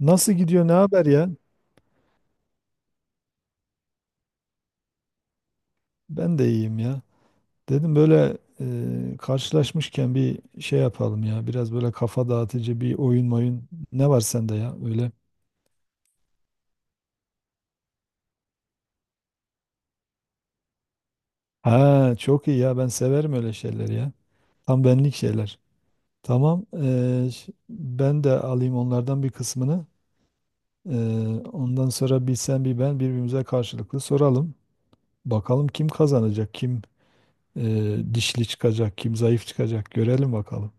Nasıl gidiyor, ne haber ya? Ben de iyiyim ya. Dedim böyle karşılaşmışken bir şey yapalım ya. Biraz böyle kafa dağıtıcı bir oyun moyun. Ne var sende ya öyle? Ha çok iyi ya ben severim öyle şeyleri ya. Tam benlik şeyler. Tamam ben de alayım onlardan bir kısmını. E, Ondan sonra bir sen bir ben birbirimize karşılıklı soralım. Bakalım kim kazanacak, kim dişli çıkacak, kim zayıf çıkacak görelim bakalım.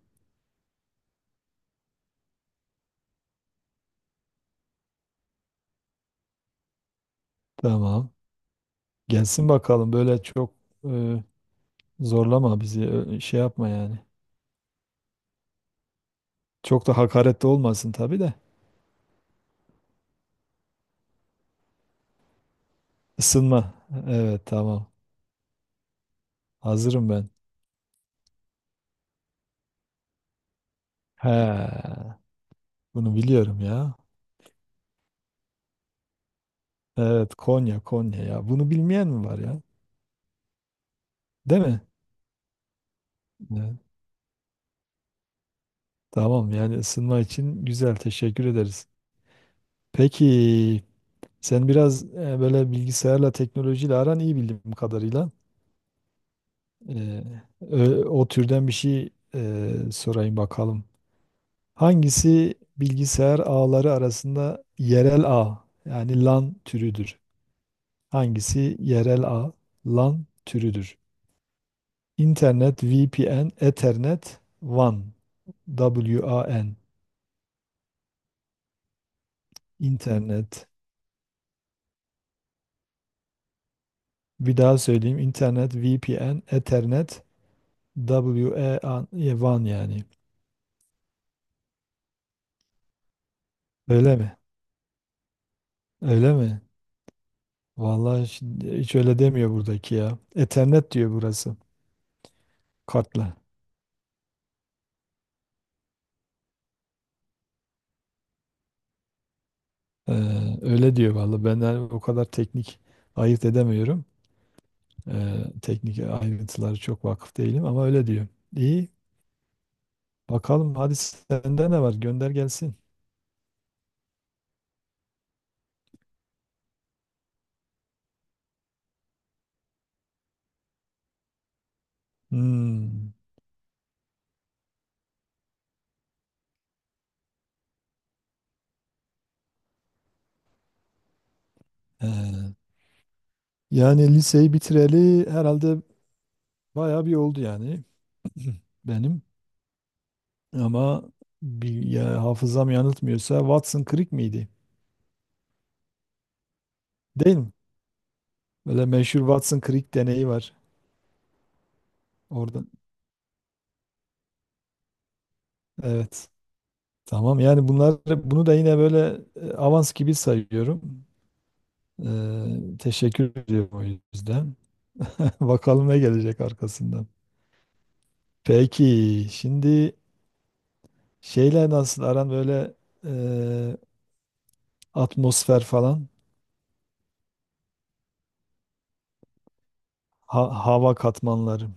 Tamam. Gelsin bakalım böyle çok e, zorlama bizi şey yapma yani. Çok da hakaretli olmasın tabii de. Isınma. Evet, tamam. Hazırım ben. He, bunu biliyorum ya. Evet, Konya, Konya ya. Bunu bilmeyen mi var ya? Değil mi? Evet, tamam yani ısınma için güzel, teşekkür ederiz. Peki sen biraz böyle bilgisayarla teknolojiyle aran iyi bildiğim kadarıyla. E, O türden bir şey sorayım bakalım. Hangisi bilgisayar ağları arasında yerel ağ yani LAN türüdür? Hangisi yerel ağ LAN türüdür? İnternet, VPN, Ethernet, WAN, WAN, internet. Bir daha söyleyeyim. İnternet, VPN, Ethernet, WAN, WAN yani. Öyle mi? Öyle mi? Vallahi şimdi hiç öyle demiyor buradaki ya. Ethernet diyor burası. Kartla. Ee, Öyle diyor vallahi. Ben de o kadar teknik ayırt edemiyorum. Teknik ayrıntıları çok vakıf değilim ama öyle diyor. İyi. Bakalım hadi, sende ne var? Gönder gelsin. Hmm. ee, Yani liseyi bitireli herhalde bayağı bir oldu yani benim. Ama bir, ya, hafızam yanıltmıyorsa Watson Creek miydi? Değil mi? Böyle meşhur Watson Creek deneyi var orada. Evet. Tamam yani bunlar, bunu da yine böyle avans gibi sayıyorum. Teşekkür ediyorum o yüzden. Bakalım ne gelecek arkasından. Peki şimdi şeyler nasıl aran böyle e, atmosfer falan, hava katmanları.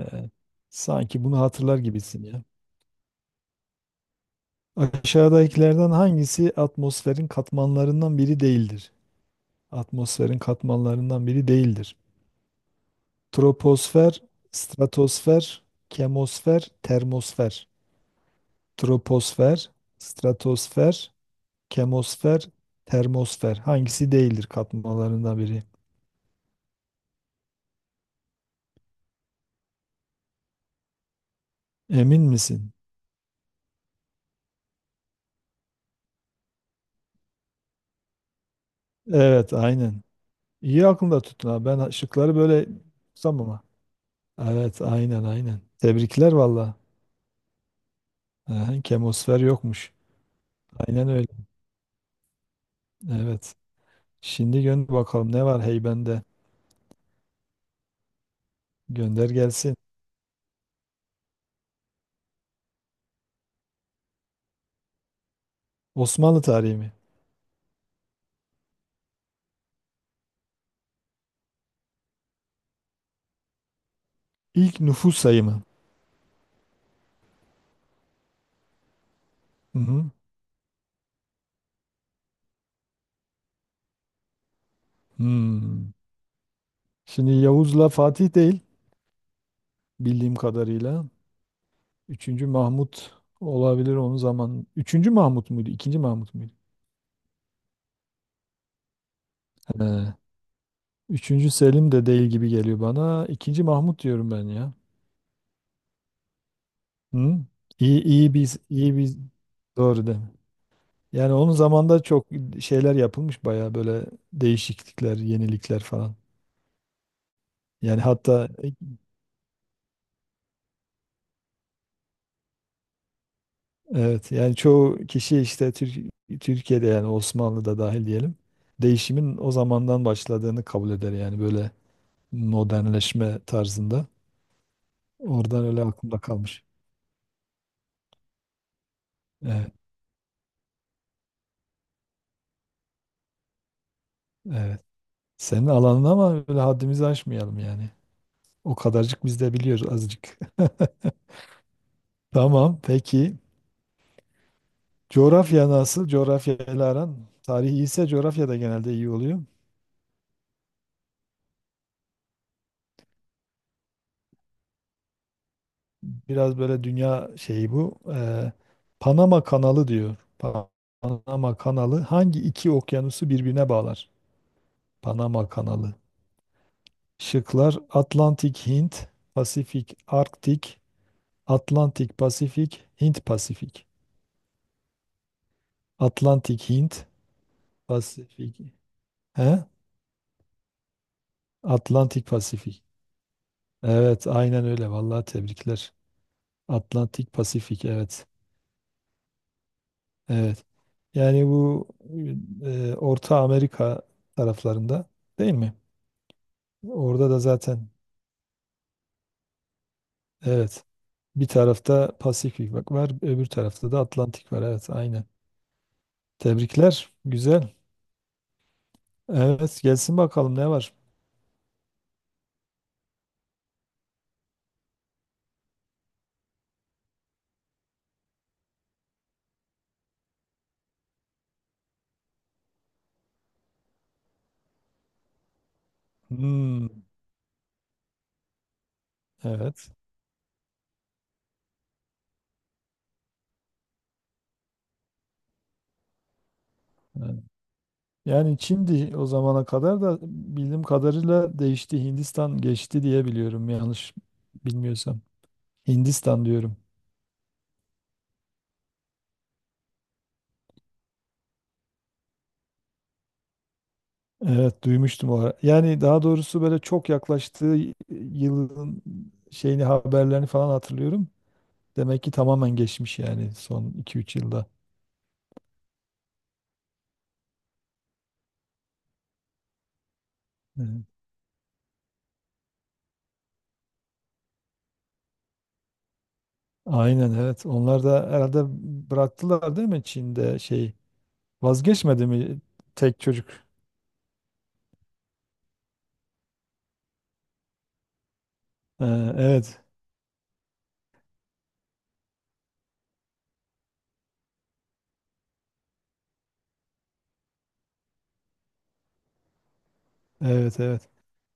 E, Sanki bunu hatırlar gibisin ya. Aşağıdakilerden hangisi atmosferin katmanlarından biri değildir? Atmosferin katmanlarından biri değildir. Troposfer, stratosfer, kemosfer, termosfer. Troposfer, stratosfer, kemosfer, termosfer. Hangisi değildir katmanlarından biri? Emin misin? Evet, aynen. İyi aklında tutun ha. Ben şıkları böyle tutsam ama. Evet, aynen, aynen. Tebrikler valla. Aha, kemosfer yokmuş. Aynen öyle. Evet. Şimdi gönder bakalım ne var heybende. Gönder gelsin. Osmanlı tarihi mi? İlk nüfus sayımı. Hı hı. Hmm. Şimdi Yavuz'la Fatih değil bildiğim kadarıyla. Üçüncü Mahmut olabilir onun zaman. Üçüncü Mahmut muydu? İkinci Mahmut muydu? He. Üçüncü Selim de değil gibi geliyor bana. İkinci Mahmut diyorum ben ya. Hı? İyi, iyi biz, iyi biz. Doğru değil mi? Yani onun zamanında çok şeyler yapılmış bayağı, böyle değişiklikler, yenilikler falan. Yani hatta evet yani çoğu kişi işte Türkiye'de yani Osmanlı'da dahil diyelim değişimin o zamandan başladığını kabul eder yani böyle modernleşme tarzında. Oradan öyle aklımda kalmış. Evet, evet. Senin alanın ama, öyle haddimizi aşmayalım yani. O kadarcık biz de biliyoruz azıcık. Tamam peki. Coğrafya nasıl? Coğrafya ile aran. Tarih iyiyse coğrafya da genelde iyi oluyor. Biraz böyle dünya şeyi bu. Panama Kanalı diyor. Panama Kanalı hangi iki okyanusu birbirine bağlar? Panama Kanalı. Şıklar: Atlantik Hint, Pasifik Arktik, Atlantik Pasifik, Hint Pasifik. Atlantik Hint, Pasifik. He? Atlantik Pasifik. Evet, aynen öyle. Vallahi tebrikler. Atlantik Pasifik, evet. Evet. Yani bu Orta Amerika taraflarında değil mi? Orada da zaten, evet. Bir tarafta Pasifik bak var, öbür tarafta da Atlantik var. Evet, aynen. Tebrikler. Güzel. Evet, gelsin bakalım ne var? Hmm, evet. Evet. Yani Çin'di o zamana kadar da, bildiğim kadarıyla değişti. Hindistan geçti diye biliyorum, yanlış bilmiyorsam. Hindistan diyorum. Evet, duymuştum o ara. Yani daha doğrusu böyle çok yaklaştığı yılın şeyini, haberlerini falan hatırlıyorum. Demek ki tamamen geçmiş yani son iki üç yılda. Evet. Aynen, evet. Onlar da herhalde bıraktılar değil mi Çin'de şey, vazgeçmedi mi tek çocuk? Ee, evet. Evet, evet.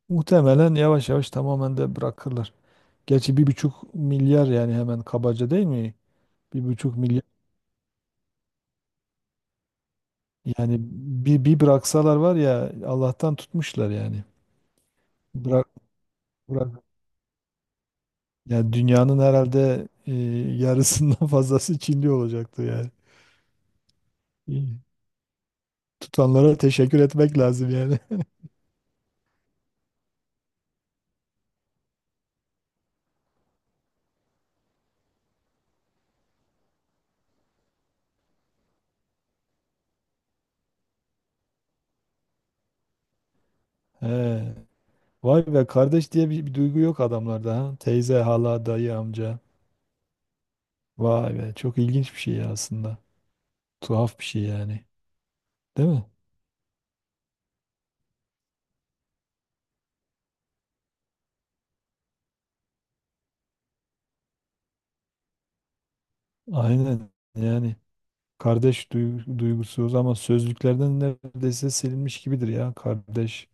Muhtemelen yavaş yavaş tamamen de bırakırlar. Gerçi bir buçuk milyar yani hemen, kabaca değil mi? Bir buçuk milyar. Yani bir, bir bıraksalar var ya, Allah'tan tutmuşlar yani. Bırak, bırak. Yani dünyanın herhalde yarısından fazlası Çinli olacaktı yani. İyi. Tutanlara teşekkür etmek lazım yani. He. Vay be, kardeş diye bir, bir duygu yok adamlarda ha. Teyze, hala, dayı, amca. Vay be, çok ilginç bir şey ya aslında. Tuhaf bir şey yani. Değil mi? Aynen yani. Kardeş duygusuz ama sözlüklerden neredeyse silinmiş gibidir ya kardeş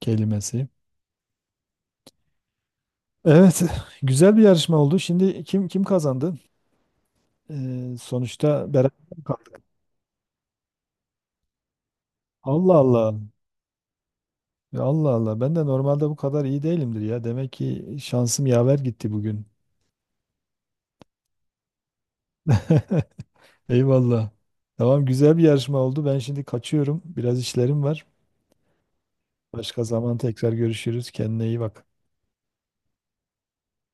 kelimesi. Evet, güzel bir yarışma oldu. Şimdi kim kim kazandı? Sonuçta beraber kaldık. Allah Allah. Ya Allah Allah. Ben de normalde bu kadar iyi değilimdir ya. Demek ki şansım yaver gitti bugün. Eyvallah. Tamam, güzel bir yarışma oldu. Ben şimdi kaçıyorum. Biraz işlerim var. Başka zaman tekrar görüşürüz. Kendine iyi bak.